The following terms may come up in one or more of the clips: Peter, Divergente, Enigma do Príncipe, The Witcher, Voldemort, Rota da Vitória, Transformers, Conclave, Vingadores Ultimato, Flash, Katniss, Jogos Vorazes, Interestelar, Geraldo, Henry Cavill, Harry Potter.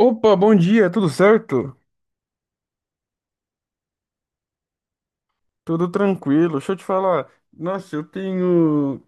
Opa, bom dia, tudo certo? Tudo tranquilo. Deixa eu te falar. Nossa, eu tenho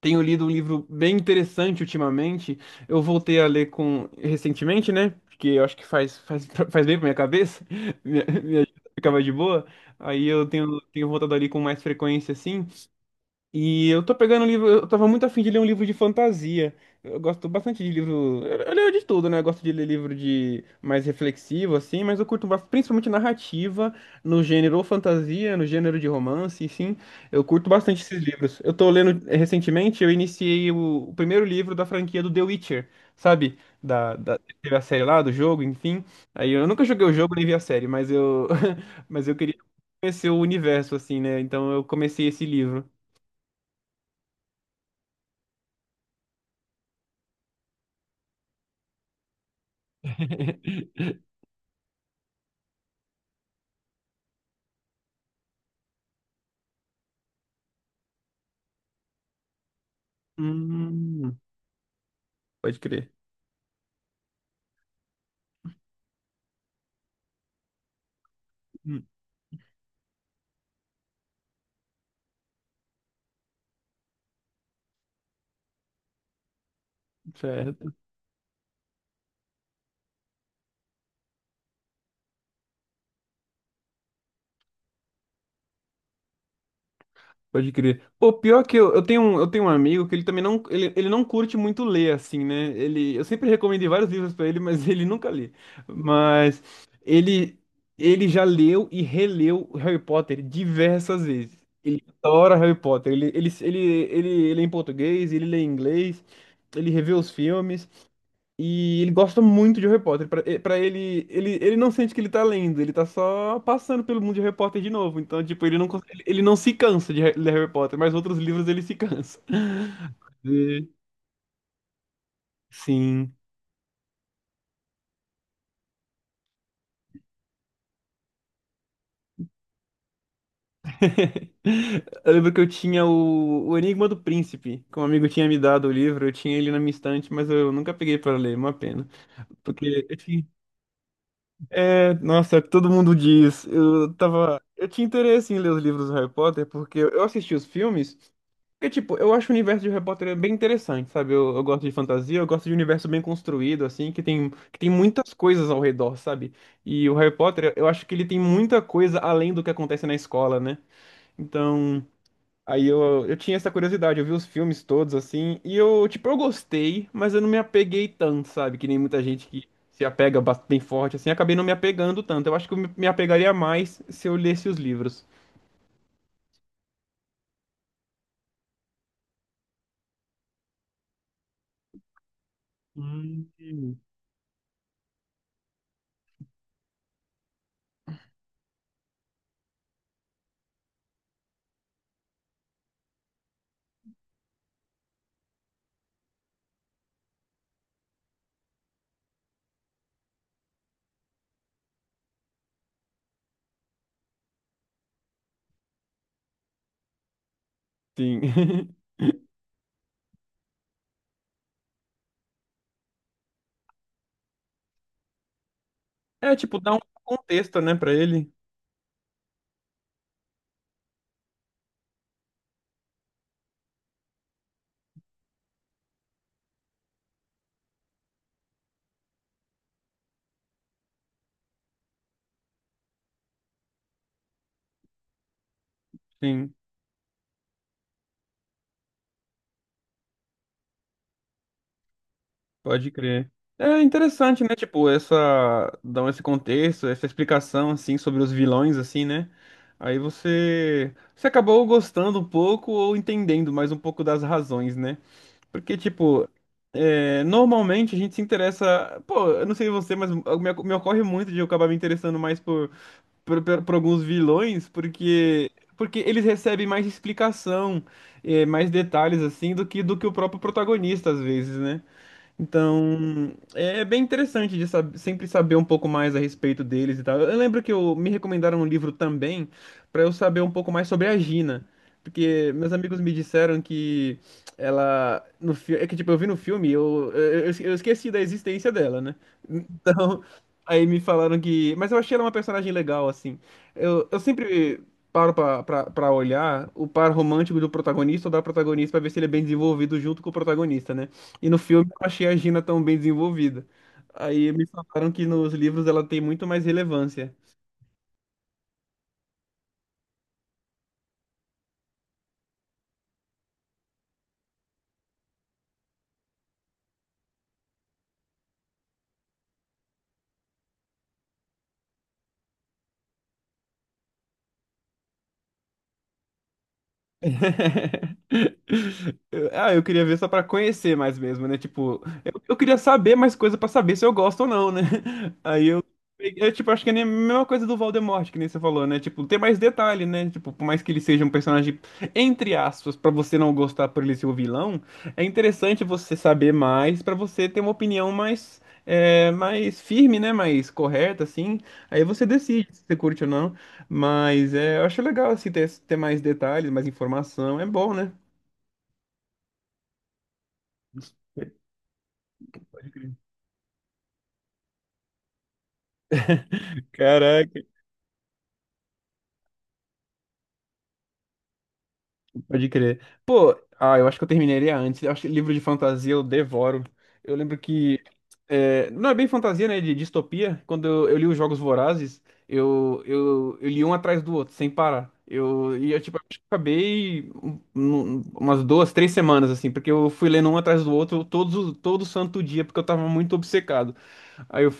tenho lido um livro bem interessante ultimamente. Eu voltei a ler com recentemente, né? Porque eu acho que faz bem pra minha cabeça. Minha ficava de boa. Aí eu tenho voltado ali com mais frequência assim. E eu tô pegando um livro, eu tava muito afim de ler um livro de fantasia. Eu gosto bastante de livro, eu leio de tudo, né? Eu gosto de ler livro de mais reflexivo assim, mas eu curto principalmente narrativa no gênero ou fantasia, no gênero de romance, sim. Eu curto bastante esses livros. Eu tô lendo recentemente, eu iniciei o primeiro livro da franquia do The Witcher, sabe? Da teve a série lá do jogo, enfim. Aí eu nunca joguei o jogo nem vi a série, mas eu mas eu queria conhecer o universo assim, né? Então eu comecei esse livro. Hum, pode crer. Hum, Certo, pode crer. Pô, pior que eu, eu tenho um amigo que ele também não, ele não curte muito ler, assim, né? Eu sempre recomendei vários livros pra ele, mas ele nunca lê. Mas ele, ele já leu e releu Harry Potter diversas vezes. Ele adora Harry Potter. Ele lê em português, ele lê em inglês, ele revê os filmes. E ele gosta muito de Harry Potter. Pra ele, não sente que ele tá lendo, ele tá só passando pelo mundo de Harry Potter de novo. Então, tipo, ele não se cansa de ler Harry Potter, mas outros livros ele se cansa. E- Sim. Eu lembro que eu tinha o Enigma do Príncipe, que um amigo tinha me dado o livro, eu tinha ele na minha estante, mas eu nunca peguei pra ler, é uma pena. Porque eu tinha. É, nossa, é o que todo mundo diz. Eu tava. Eu tinha interesse em ler os livros do Harry Potter, porque eu assisti os filmes. Porque, tipo, eu acho o universo de Harry Potter bem interessante, sabe? Eu gosto de fantasia, eu gosto de universo bem construído, assim, que tem, muitas coisas ao redor, sabe? E o Harry Potter, eu acho que ele tem muita coisa além do que acontece na escola, né? Então. Aí eu tinha essa curiosidade, eu vi os filmes todos assim, e eu, tipo, eu gostei, mas eu não me apeguei tanto, sabe? Que nem muita gente que se apega bem forte, assim, acabei não me apegando tanto. Eu acho que eu me apegaria mais se eu lesse os livros. Hum. Sim. É, tipo, dá um contexto, né, pra ele. Sim. Pode crer. É interessante, né? Tipo, dão esse contexto, essa explicação, assim, sobre os vilões, assim, né? Aí você acabou gostando um pouco ou entendendo mais um pouco das razões, né? Porque, tipo, é, normalmente a gente se interessa. Pô, eu não sei você, mas me ocorre muito de eu acabar me interessando mais por alguns vilões, porque, porque eles recebem mais explicação, mais detalhes, assim, do que o próprio protagonista, às vezes, né? Então, é bem interessante de sempre saber um pouco mais a respeito deles e tal. Eu lembro que me recomendaram um livro também para eu saber um pouco mais sobre a Gina, porque meus amigos me disseram que ela no filme, é que tipo eu vi no filme, eu esqueci da existência dela, né? Então, aí me falaram que, mas eu achei ela uma personagem legal assim. Eu sempre paro pra olhar o par romântico do protagonista ou da protagonista pra ver se ele é bem desenvolvido junto com o protagonista, né? E no filme eu não achei a Gina tão bem desenvolvida. Aí me falaram que nos livros ela tem muito mais relevância. Ah, eu queria ver só pra conhecer mais mesmo, né? Tipo, eu queria saber mais coisa pra saber se eu gosto ou não, né? Aí eu tipo, acho que é nem a mesma coisa do Voldemort, que nem você falou, né? Tipo, ter mais detalhe, né? Tipo, por mais que ele seja um personagem, entre aspas, pra você não gostar por ele ser o vilão, é interessante você saber mais pra você ter uma opinião mais firme, né? Mais correta, assim. Aí você decide se você curte ou não. Mas eu acho legal assim ter mais detalhes, mais informação. É bom, né? Caraca. Pode crer. Pô, ah, eu acho que eu terminaria antes. Eu acho que livro de fantasia eu devoro. Eu lembro que. Não é bem fantasia, né? De distopia. Quando eu li os Jogos Vorazes, eu li um atrás do outro, sem parar. E eu, tipo, acho que acabei umas duas, três semanas, assim, porque eu fui lendo um atrás do outro todo santo dia, porque eu tava muito obcecado. Aí eu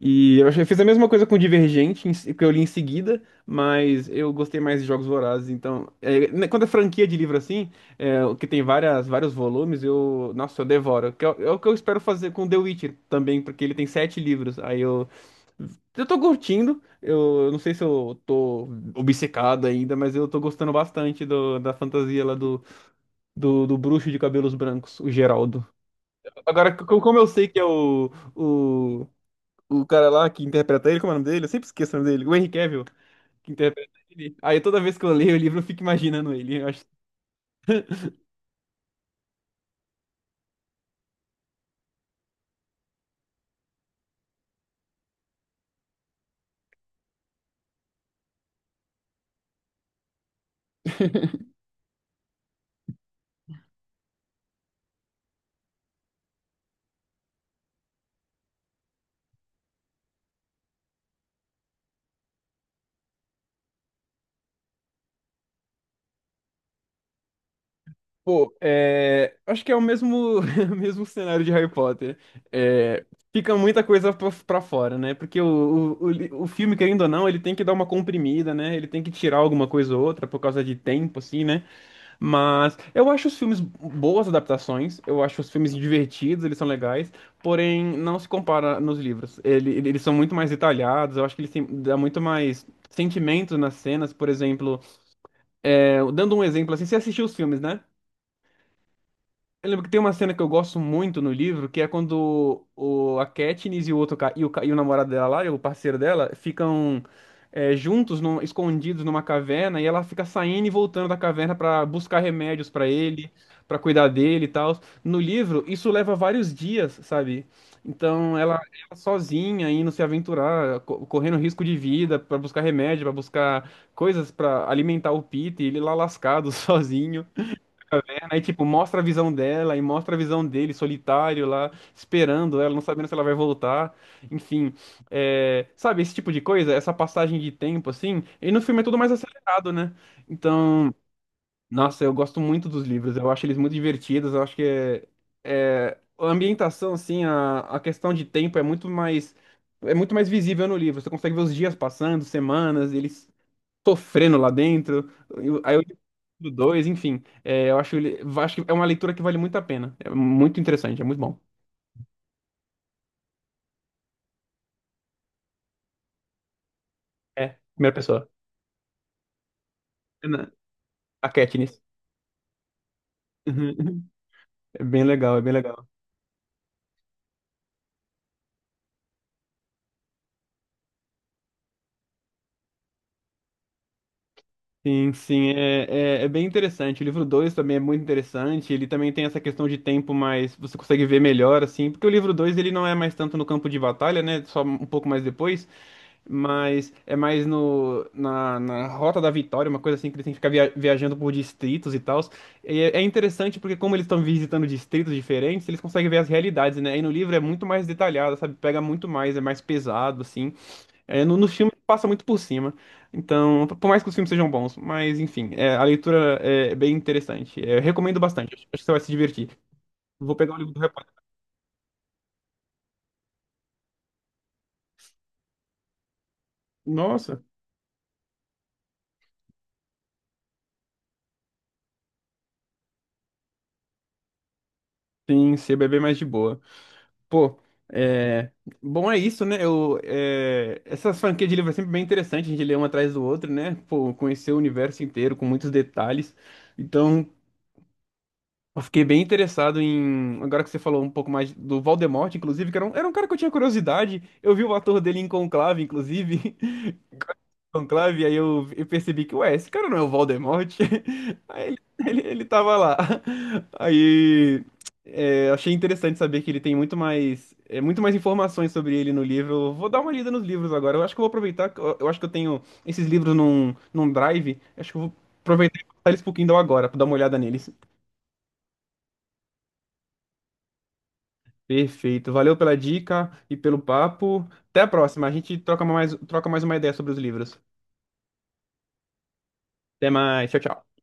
E eu achei, fiz a mesma coisa com Divergente, que eu li em seguida, mas eu gostei mais de Jogos Vorazes. Então, né, quando é franquia de livro assim, o que tem várias, vários volumes, eu, nossa, eu devoro. Que é, o é o que eu espero fazer com The Witcher também, porque ele tem sete livros. Aí eu tô curtindo, eu não sei se eu tô obcecado ainda, mas eu tô gostando bastante do, da fantasia lá do, do bruxo de cabelos brancos, o Geraldo. Agora, como eu sei que é o o cara lá que interpreta ele, como é o nome dele? Eu sempre esqueço o nome dele. O Henry Cavill, que interpreta ele. Aí toda vez que eu leio o livro, eu fico imaginando ele. Eu acho, pô, acho que é o mesmo, o mesmo cenário de Harry Potter. É, fica muita coisa pra fora, né? Porque o filme, querendo ou não, ele tem que dar uma comprimida, né? Ele tem que tirar alguma coisa ou outra por causa de tempo, assim, né? Mas eu acho os filmes boas adaptações, eu acho os filmes divertidos, eles são legais, porém não se compara nos livros. Eles são muito mais detalhados, eu acho que eles têm, dá muito mais sentimento nas cenas, por exemplo. Dando um exemplo assim, você assistiu os filmes, né? Eu lembro que tem uma cena que eu gosto muito no livro, que é quando o, a Katniss e o namorado dela lá, e o parceiro dela, ficam juntos, escondidos numa caverna, e ela fica saindo e voltando da caverna pra buscar remédios pra ele, pra cuidar dele e tal. No livro, isso leva vários dias, sabe? Então ela sozinha indo se aventurar, correndo risco de vida pra buscar remédio, pra buscar coisas pra alimentar o Peter, ele lá lascado sozinho. Aí, tipo, mostra a visão dela e mostra a visão dele solitário lá, esperando ela, não sabendo se ela vai voltar. Enfim, sabe, esse tipo de coisa, essa passagem de tempo, assim. E no filme é tudo mais acelerado, né? Então, nossa, eu gosto muito dos livros, eu acho eles muito divertidos, eu acho que é, a ambientação, assim, a questão de tempo é muito mais. É muito mais visível no livro. Você consegue ver os dias passando, semanas, eles sofrendo lá dentro. Aí eu li do dois, enfim. É, eu acho, acho que é uma leitura que vale muito a pena. É muito interessante, é muito bom. É, primeira pessoa. É na- A Katniss. Uhum. É bem legal, é bem legal. Sim, sim, é bem interessante. O livro 2 também é muito interessante. Ele também tem essa questão de tempo, mas você consegue ver melhor, assim. Porque o livro 2 ele não é mais tanto no campo de batalha, né? Só um pouco mais depois. Mas é mais no, na, na Rota da Vitória, uma coisa assim que eles têm que ficar viajando por distritos e tal. É interessante porque, como eles estão visitando distritos diferentes, eles conseguem ver as realidades, né? E no livro é muito mais detalhado, sabe? Pega muito mais, é mais pesado, assim. É, no filme passa muito por cima. Então, por mais que os filmes sejam bons, mas enfim, a leitura é bem interessante. É, eu recomendo bastante, acho que você vai se divertir. Vou pegar o livro do repórter. Nossa, sim, CBB mais de boa. Pô, é... Bom, é isso, né? Essas franquias de livro é sempre bem interessante, a gente lê um atrás do outro, né? Pô, conhecer o universo inteiro com muitos detalhes. Então, eu fiquei bem interessado em. Agora que você falou um pouco mais do Voldemort, inclusive, que era um, cara que eu tinha curiosidade. Eu vi o ator dele em Conclave, inclusive, aí eu percebi que, ué, esse cara não é o Voldemort? Aí ele tava lá. Aí, achei interessante saber que ele tem muito mais informações sobre ele no livro. Eu vou dar uma lida nos livros agora. Eu acho que eu vou aproveitar, que eu acho que eu tenho esses livros num, drive. Acho que eu vou aproveitar e passar eles pro Kindle agora, pra dar uma olhada neles. Perfeito. Valeu pela dica e pelo papo. Até a próxima. A gente troca mais uma ideia sobre os livros. Até mais. Tchau, tchau.